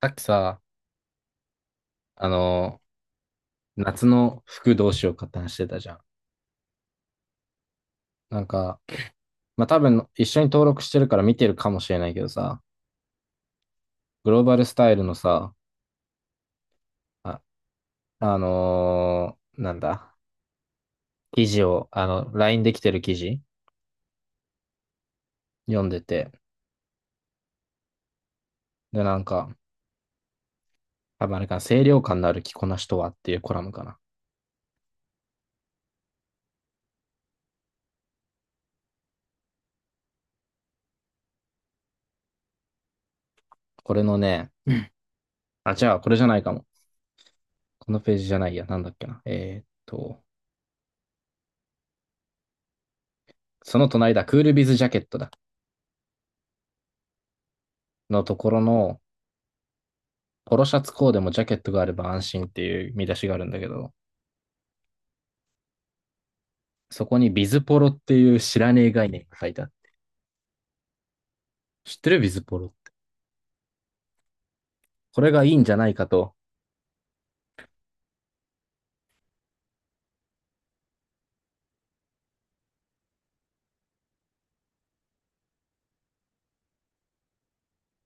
さっきさ、あの、夏の服どうしようかって話してたじゃん。なんか、まあ、多分一緒に登録してるから見てるかもしれないけどさ、グローバルスタイルのさ、あ、あのーなんだ、記事を、あの、LINE できてる記事読んでて、で、なんか、多分あれかな、清涼感のある着こなしとはっていうコラムかな。これのね、あ、じゃあこれじゃないかも。このページじゃないや、なんだっけな。その隣だ、クールビズジャケットだ。のところの、ポロシャツコーデもジャケットがあれば安心っていう見出しがあるんだけど、そこにビズポロっていう知らねえ概念が書いてある。知ってるビズポロって。これがいいんじゃないかと、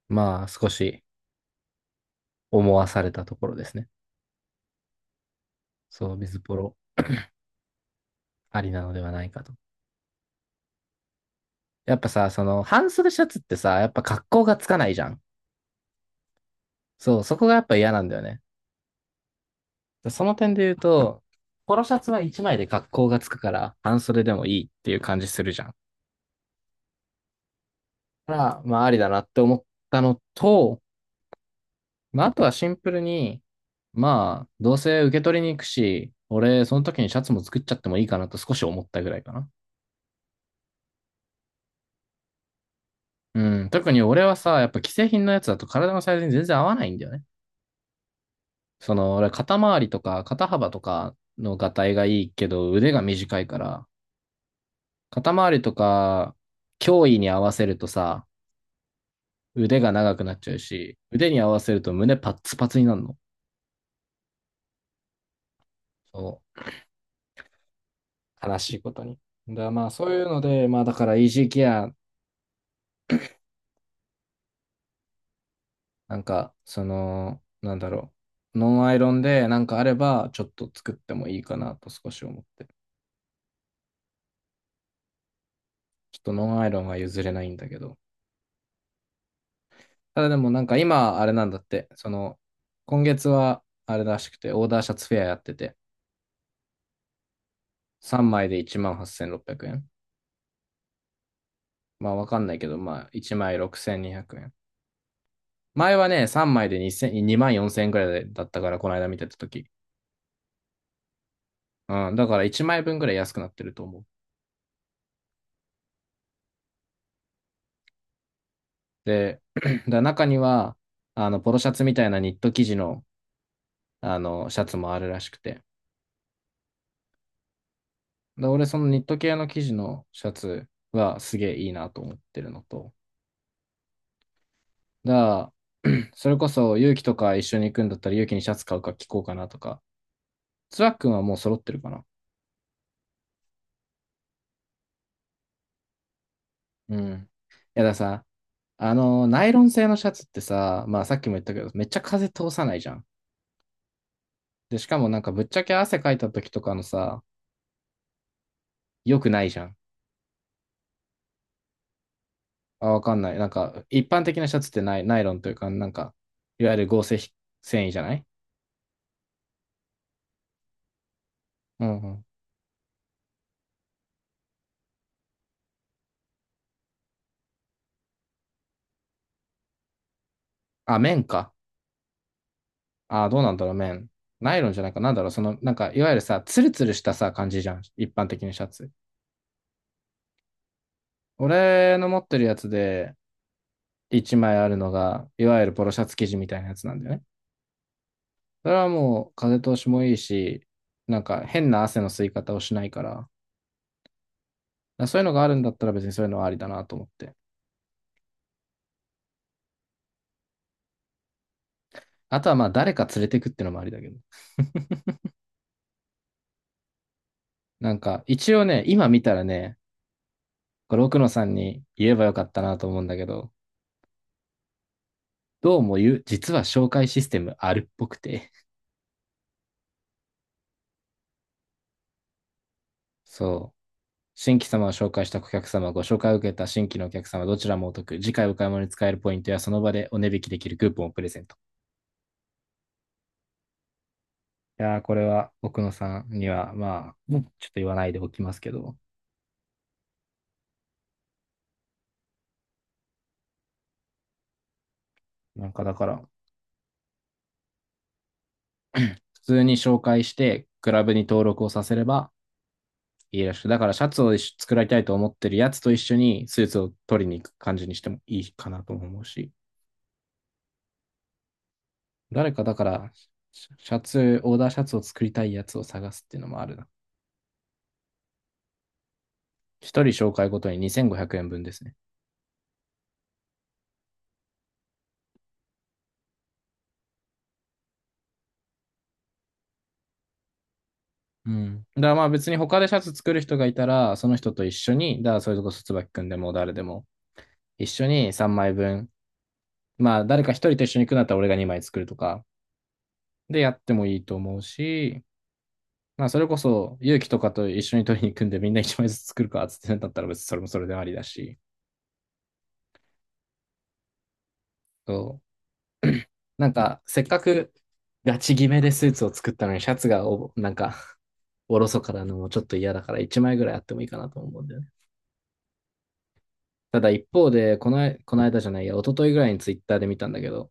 まあ少し思わされたところですね。そう、ビズポロありなのではないかと。やっぱさ、その半袖シャツってさ、やっぱ格好がつかないじゃん。そう、そこがやっぱ嫌なんだよね。その点で言うと、ポロシャツは1枚で格好がつくから、半袖でもいいっていう感じするじゃん。だから、まあありだなって思ったのと、まあ、あとはシンプルに、まあ、どうせ受け取りに行くし、俺、その時にシャツも作っちゃってもいいかなと少し思ったぐらいかな。うん、特に俺はさ、やっぱ既製品のやつだと体のサイズに全然合わないんだよね。その、俺、肩周りとか肩幅とかのがたいがいいけど、腕が短いから、肩周りとか、胸囲に合わせるとさ、腕が長くなっちゃうし、腕に合わせると胸パッツパツになるの。そう、悲しいことに。だからまあ、そういうので、まあ、だから、イージーケアなんか、その、なんだろう。ノンアイロンでなんかあれば、ちょっと作ってもいいかなと少し思って。ちょっとノンアイロンは譲れないんだけど。ただでもなんか今、あれなんだって、その、今月はあれらしくて、オーダーシャツフェアやってて、3枚で18,600円。まあわかんないけど、まあ1枚6,200円。前はね、3枚で2 0 0万4000円くらいだったから、この間見てた時。うん、だから1枚分ぐらい安くなってると思う。で、だ中には、あの、ポロシャツみたいなニット生地の、あの、シャツもあるらしくて。で、俺、そのニット系の生地のシャツはすげえいいなと思ってるのと。だから、それこそ、勇気とか一緒に行くんだったら、勇気にシャツ買うか聞こうかなとか。つわっくんはもう揃ってるかな。うん。いや、だからさ、あの、ナイロン製のシャツってさ、まあ、さっきも言ったけど、めっちゃ風通さないじゃん。で、しかもなんか、ぶっちゃけ汗かいた時とかのさ、良くないじゃん。あ、わかんない。なんか、一般的なシャツってナイロンというか、なんか、いわゆる合成繊維じゃないうんうん。あ、綿か。あ、どうなんだろう、綿。ナイロンじゃないか。なんだろう、その、なんか、いわゆるさ、ツルツルしたさ、感じじゃん。一般的なシャツ。俺の持ってるやつで、一枚あるのが、いわゆるポロシャツ生地みたいなやつなんだよね。それはもう、風通しもいいし、なんか、変な汗の吸い方をしないから、そういうのがあるんだったら別にそういうのはありだなと思って。あとはまあ、誰か連れてくってのもありだけど。なんか、一応ね、今見たらね、これ奥野さんに言えばよかったなと思うんだけど、どうも言う、実は紹介システムあるっぽくて、そう。新規様を紹介した顧客様、ご紹介を受けた新規のお客様、どちらもお得。次回お買い物に使えるポイントや、その場でお値引きできるクーポンをプレゼント。いやー、これは奥野さんには、まあ、もうちょっと言わないでおきますけど、なんかだから、普通に紹介して、クラブに登録をさせれば、いいらしい。だからシャツを一緒作られたいと思ってるやつと一緒にスーツを取りに行く感じにしてもいいかなと思うし、誰かだからシャツ、オーダーシャツを作りたいやつを探すっていうのもあるな。一人紹介ごとに2500円分ですね。うん。だからまあ別に他でシャツ作る人がいたら、その人と一緒に、だからそれこそ椿くんでも誰でも、一緒に3枚分、まあ誰か一人と一緒に行くんだったら俺が2枚作るとか、でやってもいいと思うし、まあ、それこそ、勇気とかと一緒に取りに行くんで、みんな一枚ずつ作るかっつってなったら別にそれもそれでありだし、そう なんか、せっかくガチ決めでスーツを作ったのに、シャツがお、なんか、おろそからのもちょっと嫌だから、一枚ぐらいあってもいいかなと思うんだよね。ただ一方で、この間じゃないや、一昨日ぐらいにツイッターで見たんだけど、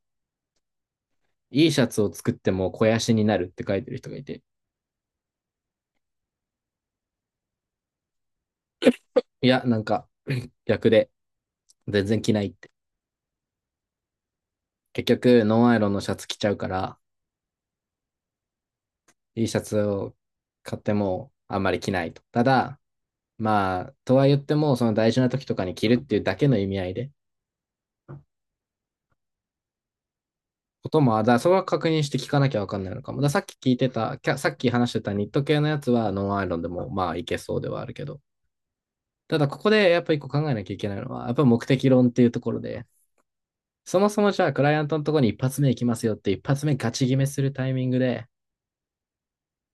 いいシャツを作っても肥やしになるって書いてる人がいて、いや、なんか、逆で、全然着ないって。結局、ノンアイロンのシャツ着ちゃうから、いいシャツを買ってもあんまり着ないと。ただ、まあ、とは言っても、その大事な時とかに着るっていうだけの意味合いで、ことも、だからそれは確認して聞かなきゃわかんないのかも。だからさっき聞いてた、さっき話してたニット系のやつはノンアイロンでもまあいけそうではあるけど、ただここでやっぱ一個考えなきゃいけないのは、やっぱ目的論っていうところで、そもそもじゃあクライアントのところに一発目行きますよって一発目ガチ決めするタイミングで、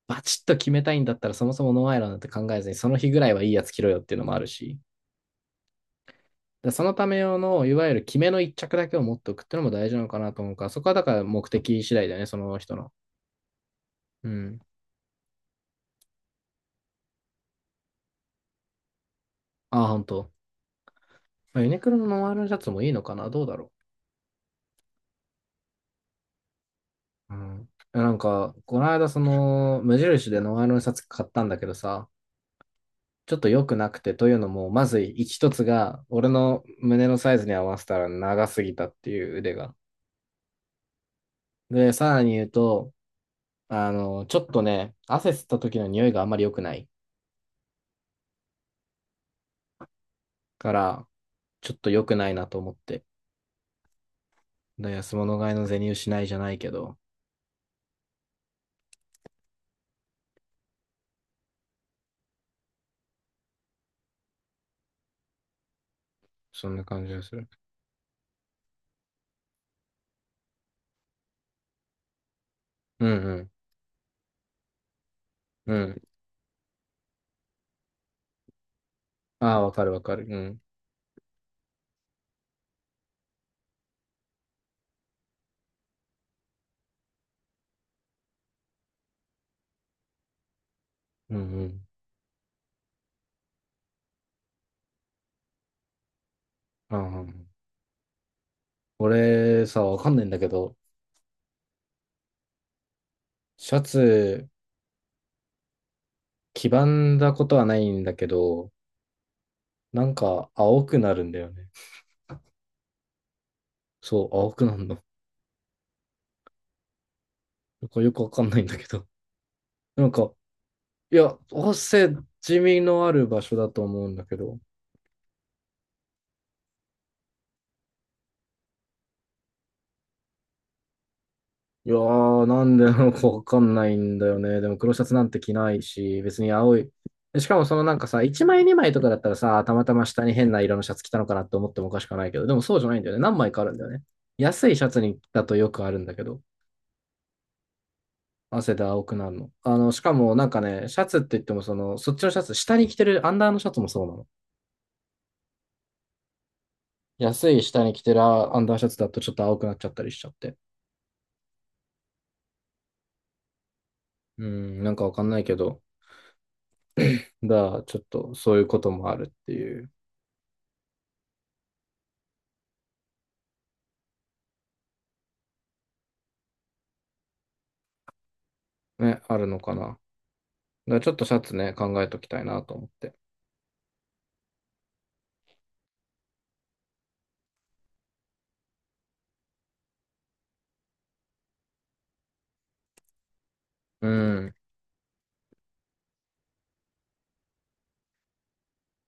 バチッと決めたいんだったらそもそもノンアイロンなんて考えずに、その日ぐらいはいいやつ着ろよっていうのもあるし、でそのため用の、いわゆる決めの一着だけを持っておくっていうのも大事なのかなと思うから、そこはだから目的次第だよね、その人の。うん。ああ、本当。まあユニクロのノンアイロンシャツもいいのかな、どうだろう。うん。いやなんか、この間、その、無印でノンアイロンシャツ買ったんだけどさ、ちょっと良くなくて、というのも、まず一つが、俺の胸のサイズに合わせたら長すぎたっていう腕が。で、さらに言うと、あの、ちょっとね、汗吸った時の匂いがあんまり良くないから、ちょっと良くないなと思って。だ安物買いの銭失いじゃないけど、そんな感じがする。うんうん。うん。ああ、わかるわかる。うん。うんうん。ああ、うん俺さ、わかんないんだけど、シャツ、黄ばんだことはないんだけど、なんか青くなるんだよね。そう、青くなるの。なんかよくわかんないんだけど。なんか、いや、汗、地味のある場所だと思うんだけど、いやー、なんでなのかわかんないんだよね。でも黒シャツなんて着ないし、別に青い。でしかもそのなんかさ、1枚2枚とかだったらさ、たまたま下に変な色のシャツ着たのかなって思ってもおかしくはないけど、でもそうじゃないんだよね。何枚かあるんだよね。安いシャツにだとよくあるんだけど、汗で青くなるの。あの、しかもなんかね、シャツって言ってもその、そっちのシャツ、下に着てるアンダーのシャツもそうなの。安い下に着てるアンダーシャツだとちょっと青くなっちゃったりしちゃって。うん、なんかわかんないけど、だからちょっとそういうこともあるっていう、ね、あるのかな。だからちょっとシャツね、考えときたいなと思って。うん。